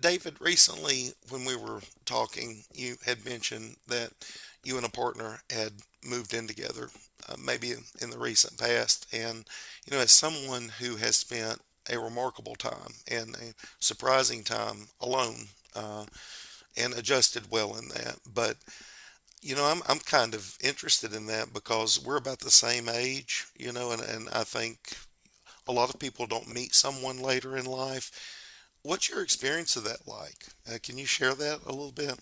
David, recently when we were talking, you had mentioned that you and a partner had moved in together, maybe in the recent past. And, you know, as someone who has spent a remarkable time and a surprising time alone, uh, and adjusted well in that. But, you know, I'm kind of interested in that because we're about the same age, you know, and I think a lot of people don't meet someone later in life. What's your experience of that like? Can you share that a little bit?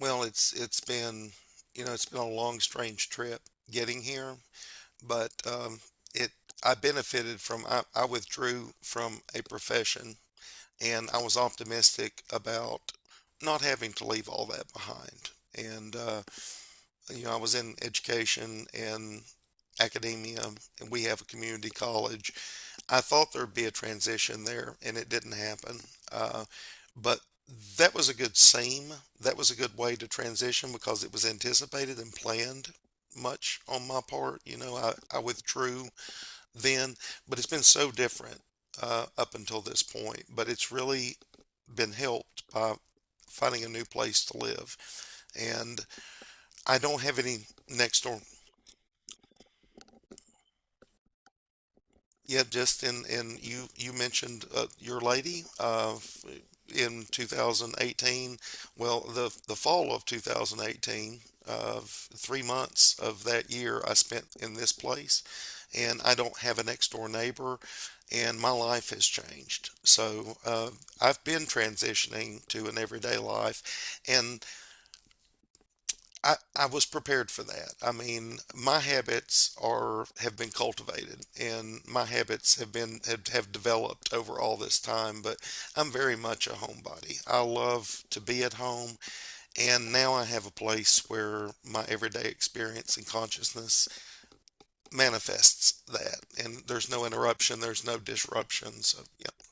Well, it's been, you know, it's been a long, strange trip getting here, but it I benefited from I withdrew from a profession and I was optimistic about not having to leave all that behind. And you know, I was in education and academia, and we have a community college. I thought there'd be a transition there, and it didn't happen. Uh, but that was a good seam. That was a good way to transition because it was anticipated and planned much on my part. You know, I withdrew then, but it's been so different up until this point. But it's really been helped by finding a new place to live. And I don't have any next door. Yeah, just in you mentioned your lady in 2018. Well, the fall of 2018, 3 months of that year I spent in this place, and I don't have a next door neighbor, and my life has changed. So I've been transitioning to an everyday life, and I was prepared for that. I mean, my habits are have been cultivated and my habits have been have developed over all this time, but I'm very much a homebody. I love to be at home, and now I have a place where my everyday experience and consciousness manifests that, and there's no interruption, there's no disruption. So yeah,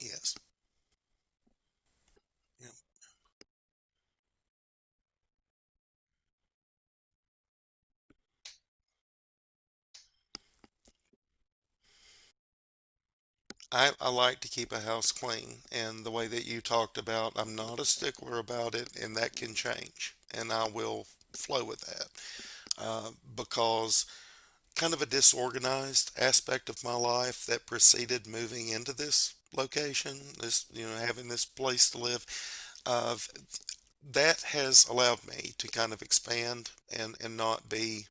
yes. I like to keep a house clean, and the way that you talked about, I'm not a stickler about it, and that can change, and I will flow with that, uh, because kind of a disorganized aspect of my life that preceded moving into this location, this, you know, having this place to live, of that has allowed me to kind of expand and not be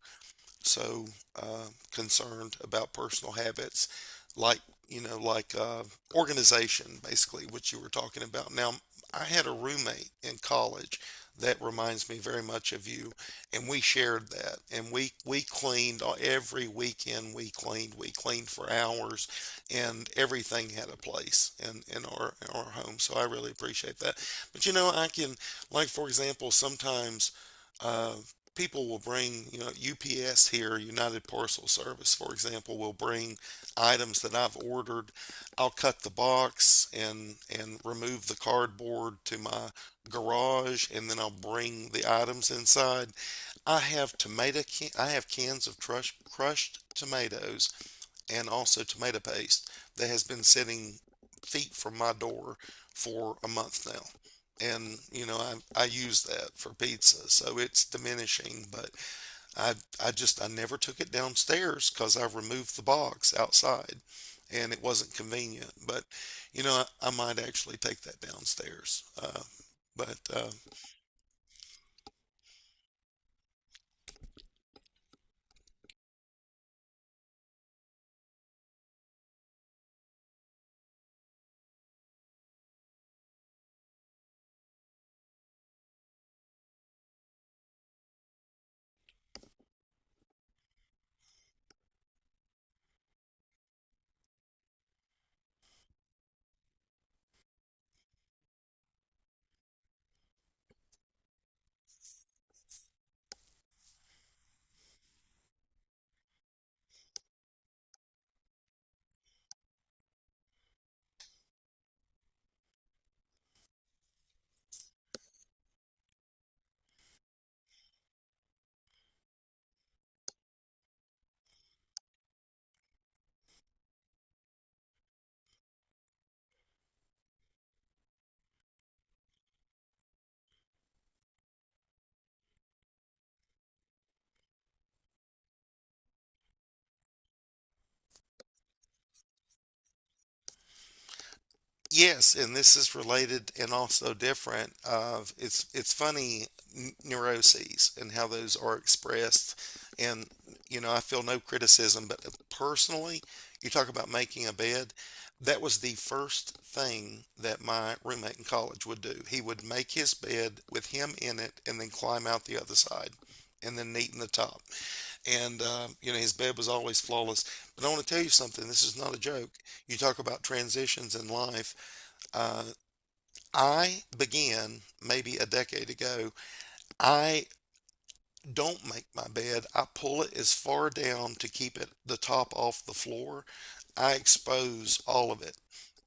so concerned about personal habits, like, you know, like, organization, basically what you were talking about. Now, I had a roommate in college that reminds me very much of you, and we shared that, and we cleaned every weekend. We cleaned, we cleaned for hours, and everything had a place in our home, so I really appreciate that. But you know, I can, like, for example, sometimes uh, people will bring, you know, UPS here, United Parcel Service, for example, will bring items that I've ordered. I'll cut the box and remove the cardboard to my garage, and then I'll bring the items inside. I have cans of crushed tomatoes and also tomato paste that has been sitting feet from my door for a month now, and you know, I use that for pizza, so it's diminishing. But I I just, I never took it downstairs because I removed the box outside, and it wasn't convenient. But you know, I might actually take that downstairs. But Yes, and this is related and also different, of it's funny, neuroses and how those are expressed. And you know, I feel no criticism, but personally, you talk about making a bed. That was the first thing that my roommate in college would do. He would make his bed with him in it and then climb out the other side and then neat in the top. And you know, his bed was always flawless. But I want to tell you something, this is not a joke. You talk about transitions in life. Uh, I began maybe a decade ago. I don't make my bed. I pull it as far down to keep it the top off the floor. I expose all of it.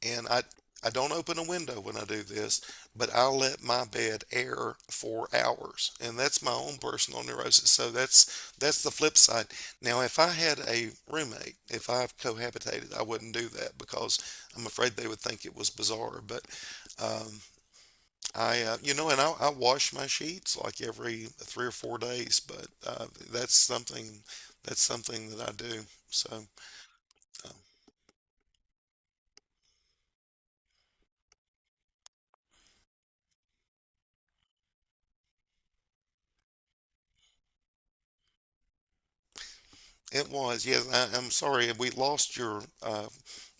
And I don't open a window when I do this, but I let my bed air for hours. And that's my own personal neurosis. So that's the flip side. Now, if I had a roommate, if I've cohabitated, I wouldn't do that because I'm afraid they would think it was bizarre. But um, I, you know, and I wash my sheets like every 3 or 4 days, but that's something that's something that I do. So uh, it was, yes. I'm sorry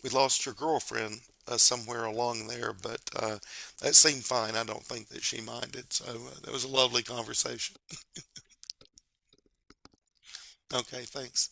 we lost your girlfriend somewhere along there, but that seemed fine. I don't think that she minded. So that was a lovely conversation. Okay, thanks.